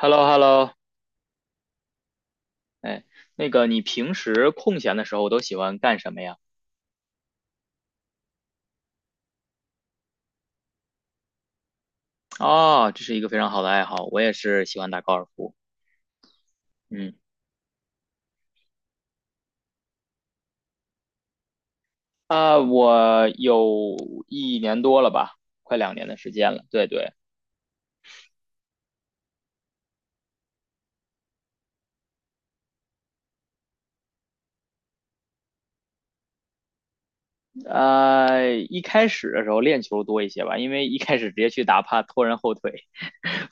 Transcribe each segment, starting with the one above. h e l l o h e l l o。 哎，那个你平时空闲的时候都喜欢干什么呀？哦，这是一个非常好的爱好，我也是喜欢打高尔夫。嗯，我有一年多了吧，快两年的时间了。对对。一开始的时候练球多一些吧，因为一开始直接去打，怕拖人后腿。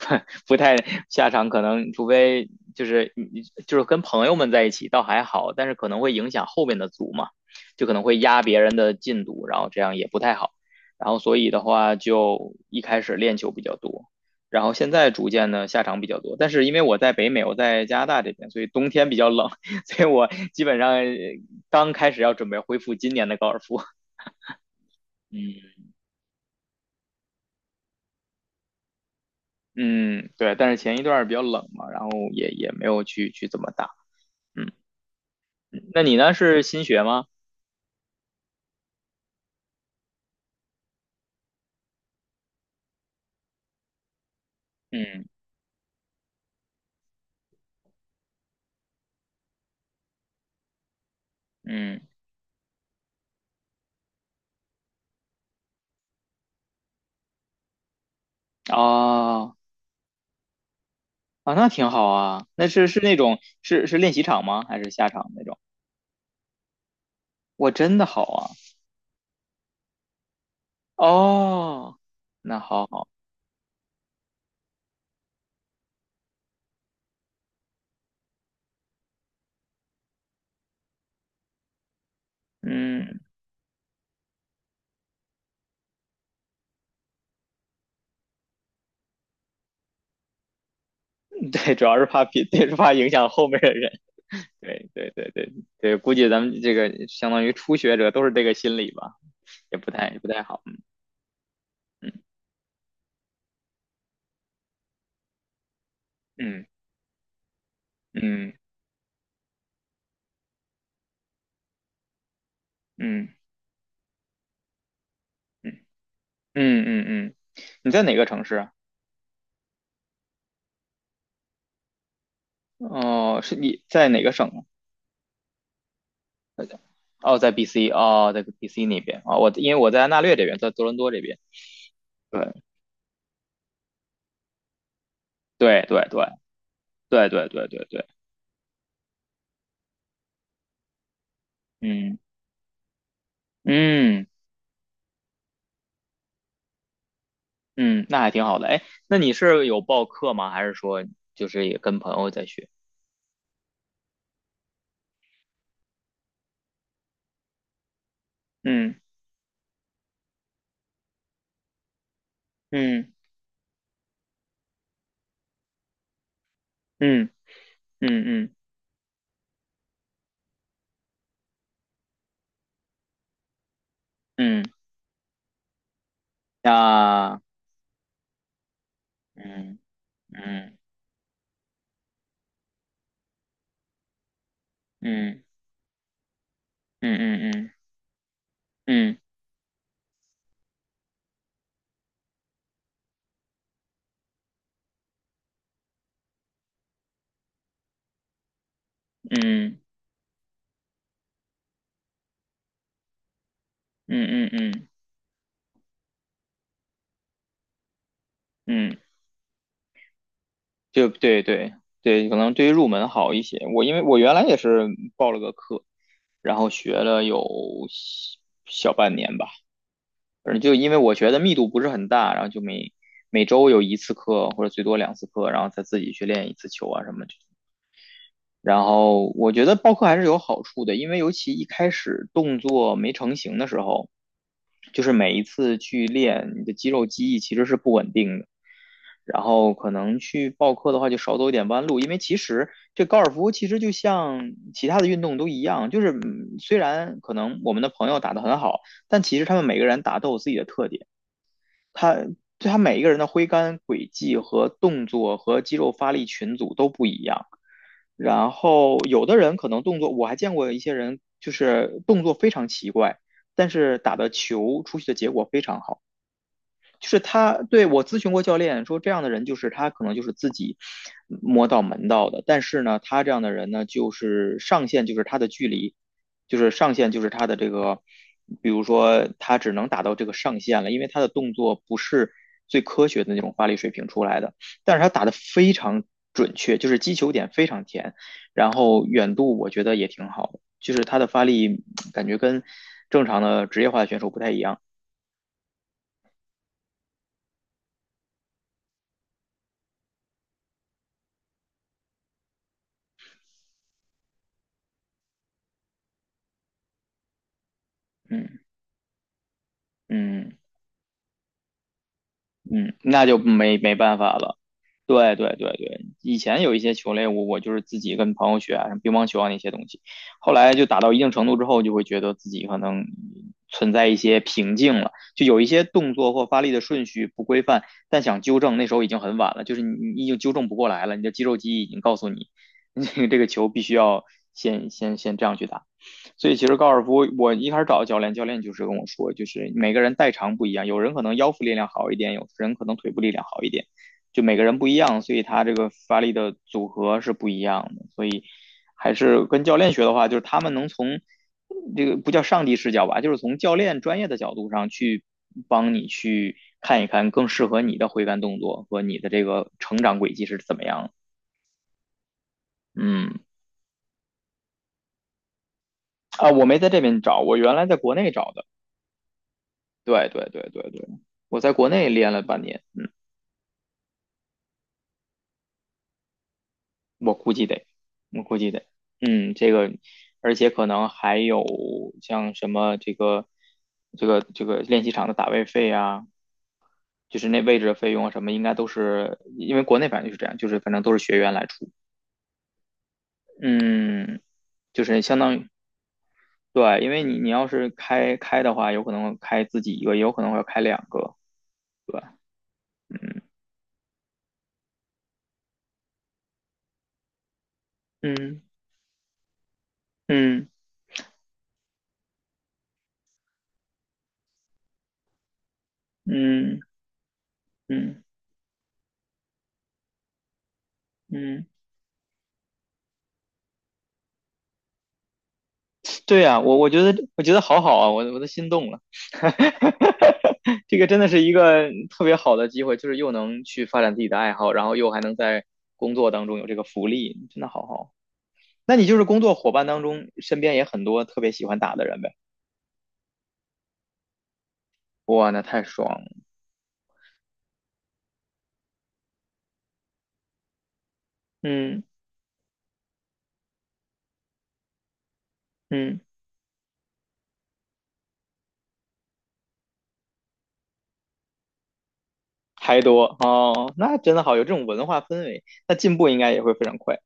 不太下场，可能除非就是就是跟朋友们在一起倒还好，但是可能会影响后面的组嘛，就可能会压别人的进度，然后这样也不太好。然后所以的话，就一开始练球比较多，然后现在逐渐的下场比较多。但是因为我在北美，我在加拿大这边，所以冬天比较冷，所以我基本上刚开始要准备恢复今年的高尔夫。嗯，嗯，对，但是前一段儿比较冷嘛，然后也没有去怎么打。嗯。嗯那你呢？是新学吗？嗯嗯。哦。啊，那挺好啊。那是是那种是是练习场吗？还是下场那种？我真的好啊。哦，那好好。嗯，对，主要是怕别，对，是怕影响后面的人。对对对对对，估计咱们这个相当于初学者都是这个心理吧，也不太好。嗯嗯嗯嗯嗯。嗯嗯嗯，你在哪个城市啊？哦，是你在哪个省啊？哦，在 BC,哦，在 BC 那边啊、哦我因为我在安大略这边，在多伦多这边。对对对对对对对对对。嗯嗯嗯，那还挺好的。哎，那你是有报课吗？还是说就是也跟朋友在学？嗯嗯嗯嗯嗯嗯。那嗯嗯嗯嗯嗯嗯嗯嗯嗯嗯嗯嗯嗯嗯嗯就对对对，可能对于入门好一些。我因为我原来也是报了个课，然后学了有小小半年吧，反正就因为我学的密度不是很大，然后就每周有一次课或者最多两次课，然后再自己去练一次球啊什么的。然后我觉得报课还是有好处的，因为尤其一开始动作没成型的时候，就是每一次去练，你的肌肉记忆其实是不稳定的。然后可能去报课的话，就少走一点弯路，因为其实这高尔夫其实就像其他的运动都一样，就是嗯虽然可能我们的朋友打得很好，但其实他们每个人打都有自己的特点，他对他每一个人的挥杆轨迹和动作和肌肉发力群组都不一样。然后有的人可能动作，我还见过一些人就是动作非常奇怪，但是打的球出去的结果非常好。就是他对我咨询过教练说，这样的人就是他可能就是自己摸到门道的，但是呢，他这样的人呢，就是上限就是他的距离，就是上限就是他的这个，比如说他只能打到这个上限了，因为他的动作不是最科学的那种发力水平出来的，但是他打的非常准确，就是击球点非常甜，然后远度我觉得也挺好的，就是他的发力感觉跟正常的职业化的选手不太一样。嗯嗯。嗯，那就没办法了。对对对对，以前有一些球类我就是自己跟朋友学啊，像乒乓球啊那些东西，后来就打到一定程度之后，就会觉得自己可能存在一些瓶颈了，就有一些动作或发力的顺序不规范，但想纠正那时候已经很晚了，就是你已经纠正不过来了，你的肌肉记忆已经告诉你，这个这个球必须要先这样去打。所以其实高尔夫我一开始找教练，教练就是跟我说，就是每个人代偿不一样，有人可能腰腹力量好一点，有人可能腿部力量好一点，就每个人不一样，所以他这个发力的组合是不一样的。所以还是跟教练学的话，就是他们能从这个不叫上帝视角吧，就是从教练专业的角度上去帮你去看一看更适合你的挥杆动作和你的这个成长轨迹是怎么样。嗯。我没在这边找，我原来在国内找的。对对对对对，我在国内练了半年。嗯，我估计得，我估计得。嗯，这个，而且可能还有像什么这个，这个练习场的打位费啊，就是那位置的费用啊什么，应该都是因为国内反正就是这样，就是反正都是学员来出。嗯，就是相当于对，因为你你要是开开的话，有可能开自己一个，也有可能会开两个，对吧。嗯嗯嗯嗯嗯嗯。嗯对呀，我觉得我觉得好好啊，我都心动了。这个真的是一个特别好的机会，就是又能去发展自己的爱好，然后又还能在工作当中有这个福利，真的好好啊。那你就是工作伙伴当中身边也很多特别喜欢打的人呗？哇，那太爽了。嗯嗯，还多哦，那真的好，有这种文化氛围，那进步应该也会非常快，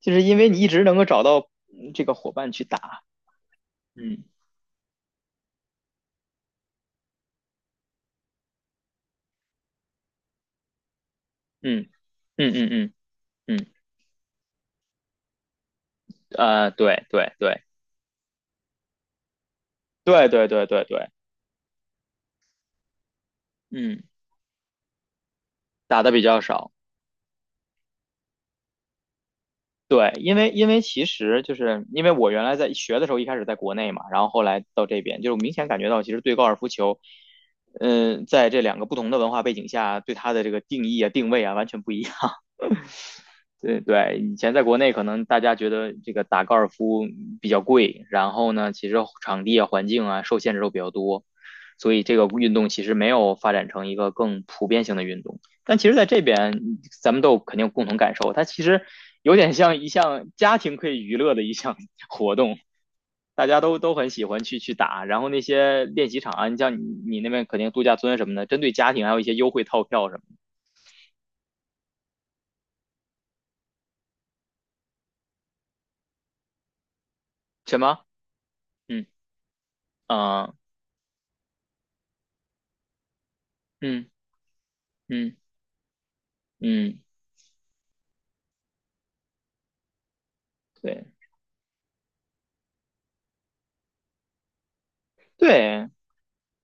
就是因为你一直能够找到嗯这个伙伴去打。嗯嗯嗯嗯嗯嗯。对对对对对对对对。嗯，打的比较少。对，因为因为其实就是因为我原来在学的时候，一开始在国内嘛，然后后来到这边，就是我明显感觉到，其实对高尔夫球，嗯、在这两个不同的文化背景下，对它的这个定义啊、定位啊，完全不一样。对对，以前在国内可能大家觉得这个打高尔夫比较贵，然后呢，其实场地啊、环境啊受限制都比较多，所以这个运动其实没有发展成一个更普遍性的运动。但其实在这边，咱们都有肯定有共同感受，它其实有点像一项家庭可以娱乐的一项 活动，大家都很喜欢去打。然后那些练习场啊，你像你那边肯定度假村什么的，针对家庭还有一些优惠套票什么的什么。嗯啊嗯嗯嗯。嗯对对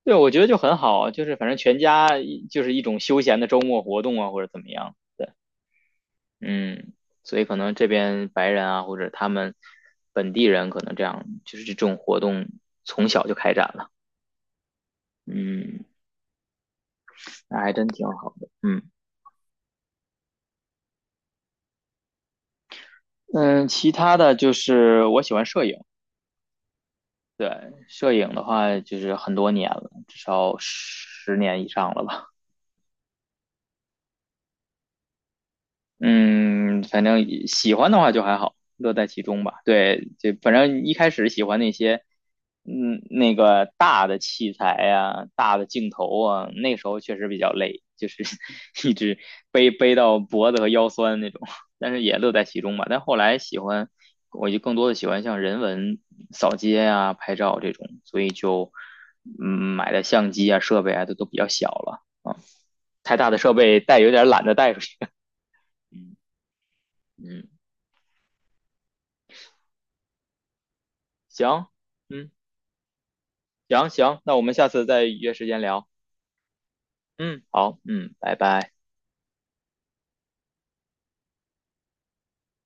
对，我觉得就很好，就是反正全家一就是一种休闲的周末活动啊，或者怎么样。对。嗯，所以可能这边白人啊，或者他们本地人，可能这样就是这种活动从小就开展了。嗯，那还真挺好的。嗯嗯，其他的就是我喜欢摄影。对，摄影的话就是很多年了，至少十年以上了吧。嗯，反正喜欢的话就还好，乐在其中吧。对，就反正一开始喜欢那些。那个大的器材呀、大的镜头啊，那时候确实比较累，就是 一直背到脖子和腰酸那种，但是也乐在其中吧。但后来喜欢，我就更多的喜欢像人文扫街啊、拍照这种，所以就嗯买的相机啊、设备啊都比较小了啊，太大的设备带有点懒得带出去。嗯嗯，行。嗯，行，那我们下次再约时间聊。嗯，好，嗯，拜拜。